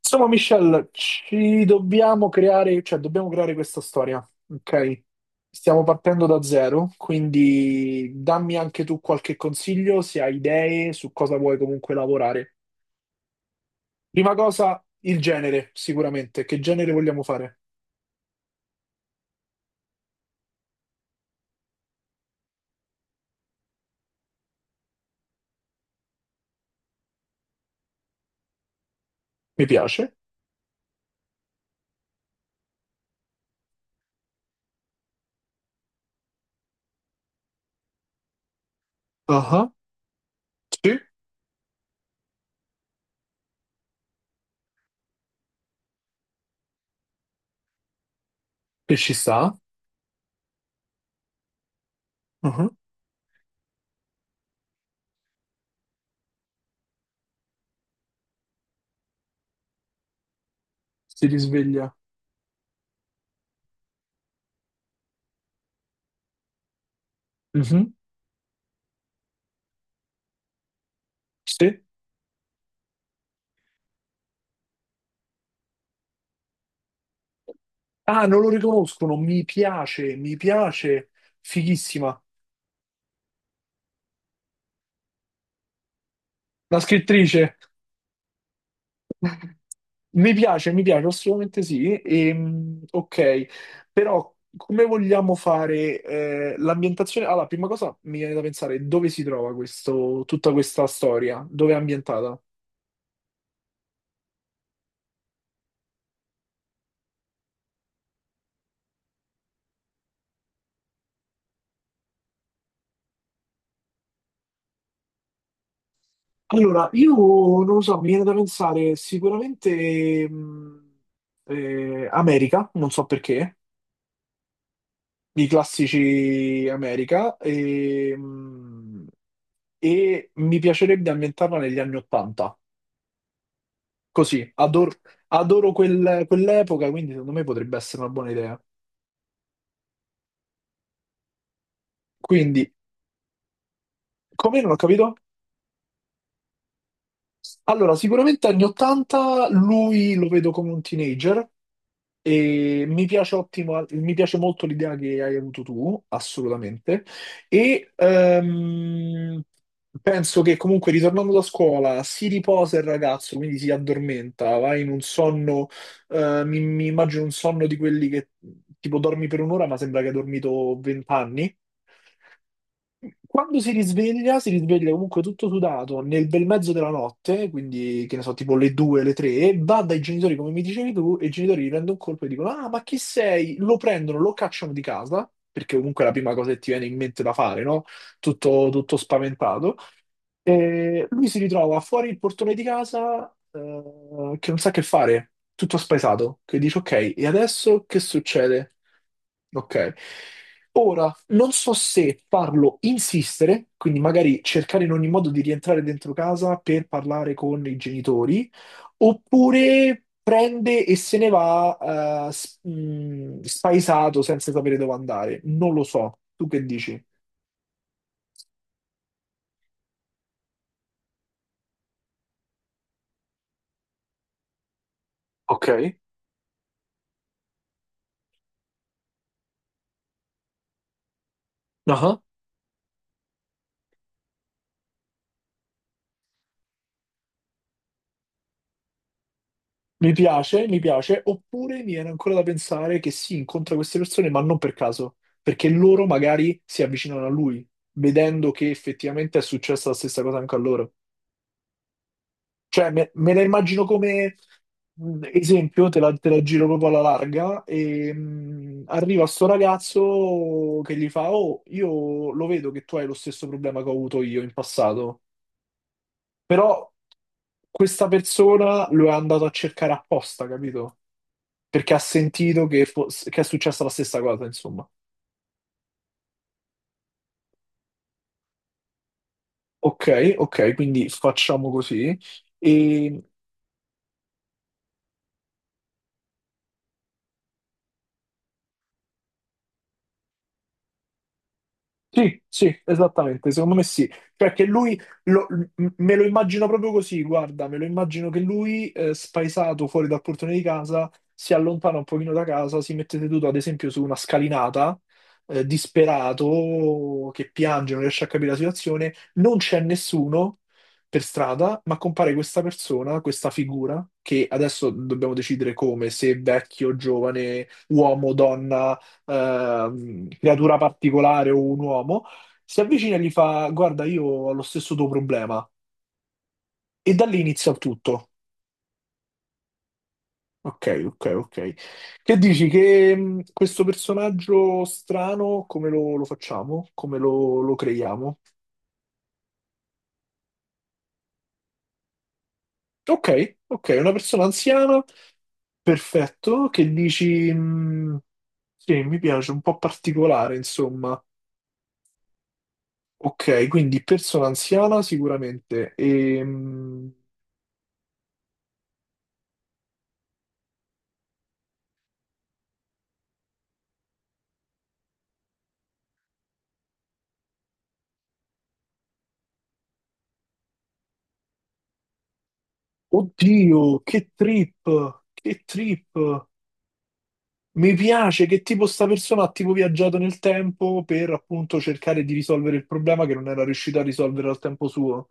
Insomma, Michelle, ci dobbiamo creare, cioè dobbiamo creare questa storia, ok? Stiamo partendo da zero, quindi dammi anche tu qualche consiglio, se hai idee su cosa vuoi comunque lavorare. Prima cosa, il genere, sicuramente. Che genere vogliamo fare? Mi piace. Ah, sì. Che ci sta. Ah, si risveglia. Mhm, sì. Ah, non lo riconoscono. Mi piace, mi piace. Fighissima. La scrittrice. Mi piace, assolutamente sì. Ok, però come vogliamo fare l'ambientazione? Allora, prima cosa mi viene da pensare dove si trova tutta questa storia, dove è ambientata? Allora, io non lo so, mi viene da pensare sicuramente America, non so perché, i classici America, e mi piacerebbe ambientarla negli anni 80. Così, adoro, adoro quell'epoca, quindi secondo me potrebbe essere una buona idea. Quindi, come non ho capito? Allora, sicuramente anni 80 lui lo vedo come un teenager. E mi piace, mi piace molto l'idea che hai avuto tu, assolutamente. E penso che comunque ritornando da scuola si riposa il ragazzo, quindi si addormenta, va in un sonno, mi immagino un sonno di quelli che tipo dormi per un'ora ma sembra che hai dormito 20 anni. Quando si risveglia comunque tutto sudato nel bel mezzo della notte, quindi che ne so, tipo le 2, le 3, va dai genitori come mi dicevi tu, e i genitori gli prendono un colpo e dicono: Ah, ma chi sei? Lo prendono, lo cacciano di casa, perché comunque è la prima cosa che ti viene in mente da fare, no? Tutto, tutto spaventato. E lui si ritrova fuori il portone di casa, che non sa che fare, tutto spaesato, che dice: Ok, e adesso che succede? Ok. Ora, non so se farlo insistere, quindi magari cercare in ogni modo di rientrare dentro casa per parlare con i genitori, oppure prende e se ne va, spaesato senza sapere dove andare. Non lo so. Tu che dici? Ok. Ah. Mi piace, oppure mi viene ancora da pensare che si incontra queste persone, ma non per caso, perché loro magari si avvicinano a lui, vedendo che effettivamente è successa la stessa cosa anche a loro. Cioè, me la immagino come esempio, te la giro proprio alla larga, e arriva sto ragazzo che gli fa: Oh, io lo vedo che tu hai lo stesso problema che ho avuto io in passato, però questa persona lo è andato a cercare apposta, capito? Perché ha sentito che è successa la stessa cosa, insomma. Ok, ok, quindi facciamo così. E Sì, sì, esattamente, secondo me sì. Cioè che lui, lo- me lo immagino proprio così, guarda, me lo immagino che lui, spaesato fuori dal portone di casa, si allontana un pochino da casa, si mette seduto ad esempio su una scalinata, disperato, che piange, non riesce a capire la situazione, non c'è nessuno per strada, ma compare questa persona, questa figura, che adesso dobbiamo decidere come, se vecchio, giovane, uomo, donna, creatura particolare o un uomo, si avvicina e gli fa: Guarda, io ho lo stesso tuo problema. E da lì inizia il tutto. Ok, ok, ok. Che dici? Che, questo personaggio strano, come lo facciamo? Come lo creiamo? Ok, ok, una persona anziana, perfetto. Che dici? Sì, mi piace, un po' particolare, insomma. Ok, quindi persona anziana sicuramente. Oddio, che trip, che trip. Mi piace che tipo sta persona ha tipo viaggiato nel tempo per appunto cercare di risolvere il problema che non era riuscito a risolvere al tempo suo.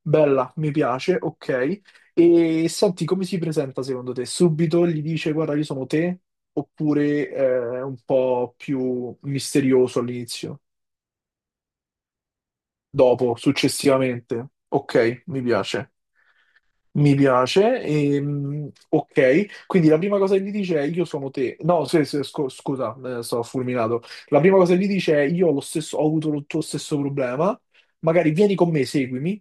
Bella, mi piace, ok. E senti, come si presenta secondo te? Subito gli dice: Guarda, io sono te? Oppure è un po' più misterioso all'inizio? Dopo, successivamente? Ok, mi piace. Mi piace, ok. Quindi la prima cosa che gli dice è: Io sono te. No, scusa, sto fulminato. La prima cosa che gli dice è: Io ho lo stesso, ho avuto lo tuo stesso problema, magari vieni con me, seguimi.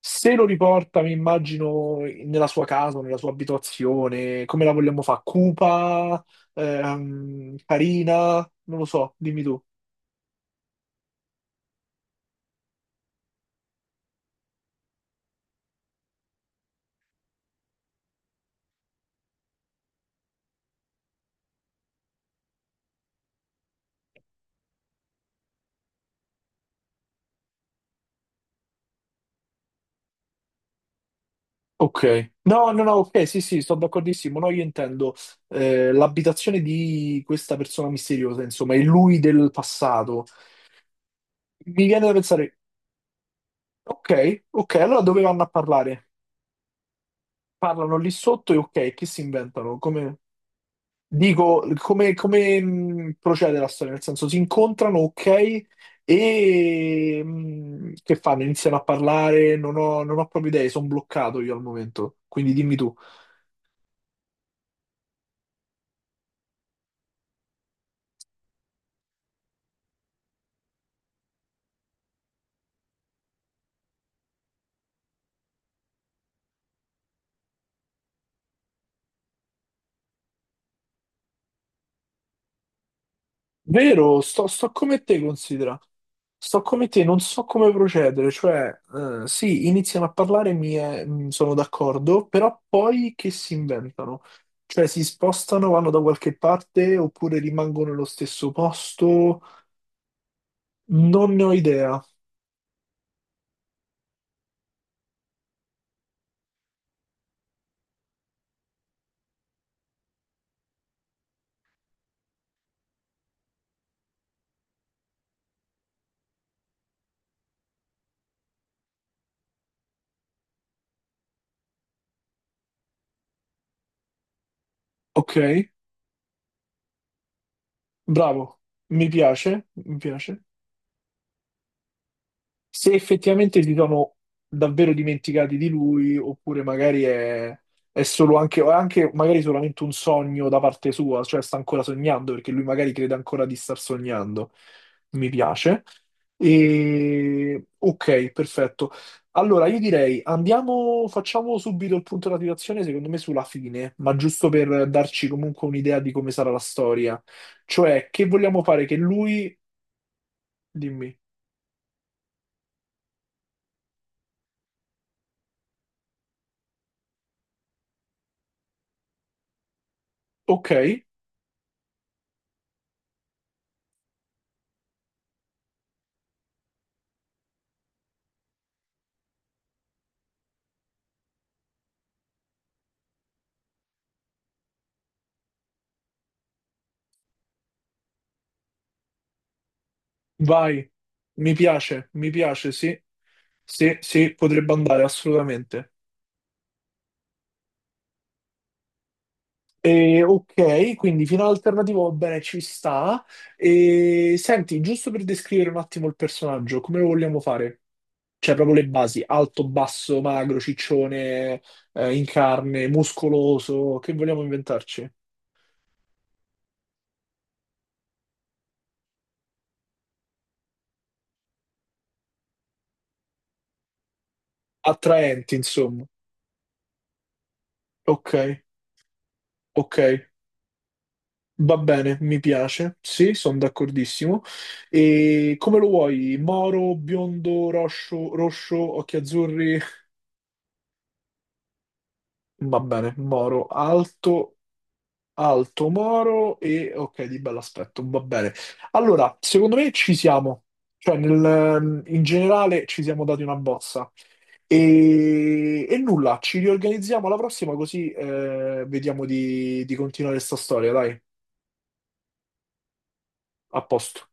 Se lo riporta, mi immagino, nella sua casa, nella sua abitazione, come la vogliamo fare? Cupa, carina, non lo so, dimmi tu. Ok, no, no, no, ok, sì, sì, sto d'accordissimo. No, io intendo l'abitazione di questa persona misteriosa, insomma, è lui del passato. Mi viene da pensare, ok, ok, allora dove vanno a parlare? Parlano lì sotto e ok, che si inventano? Come, dico, come procede la storia? Nel senso, si incontrano, ok, e che fanno? Iniziano a parlare, non ho proprio idee, sono bloccato io al momento, quindi dimmi tu. Vero, sto come te, considera. Sto come te, non so come procedere, cioè, sì, iniziano a parlare, sono d'accordo, però poi che si inventano? Cioè, si spostano, vanno da qualche parte oppure rimangono nello stesso posto? Non ne ho idea. Ok, bravo, mi piace, mi piace. Se effettivamente si sono davvero dimenticati di lui, oppure magari è solo anche, o è anche magari solamente un sogno da parte sua, cioè sta ancora sognando perché lui magari crede ancora di star sognando. Mi piace. E... Ok, perfetto. Allora, io direi andiamo, facciamo subito il punto della situazione, secondo me sulla fine, ma giusto per darci comunque un'idea di come sarà la storia. Cioè, che vogliamo fare? Che lui... Dimmi. Ok. Vai, mi piace, sì, sì, sì, potrebbe andare assolutamente. E, ok, quindi finale alternativo, va bene, ci sta. E, senti, giusto per descrivere un attimo il personaggio, come lo vogliamo fare? Cioè, proprio le basi, alto, basso, magro, ciccione, in carne, muscoloso, che vogliamo inventarci? Attraenti, insomma. Ok, ok. Va bene, mi piace, sì, sono d'accordissimo. E come lo vuoi? Moro, biondo, roscio, rosso, occhi azzurri? Va bene, Moro, alto, alto, Moro e ok, di bell'aspetto, va bene. Allora, secondo me ci siamo, cioè in generale ci siamo dati una bozza. E nulla, ci riorganizziamo alla prossima così vediamo di continuare questa storia, dai, a posto.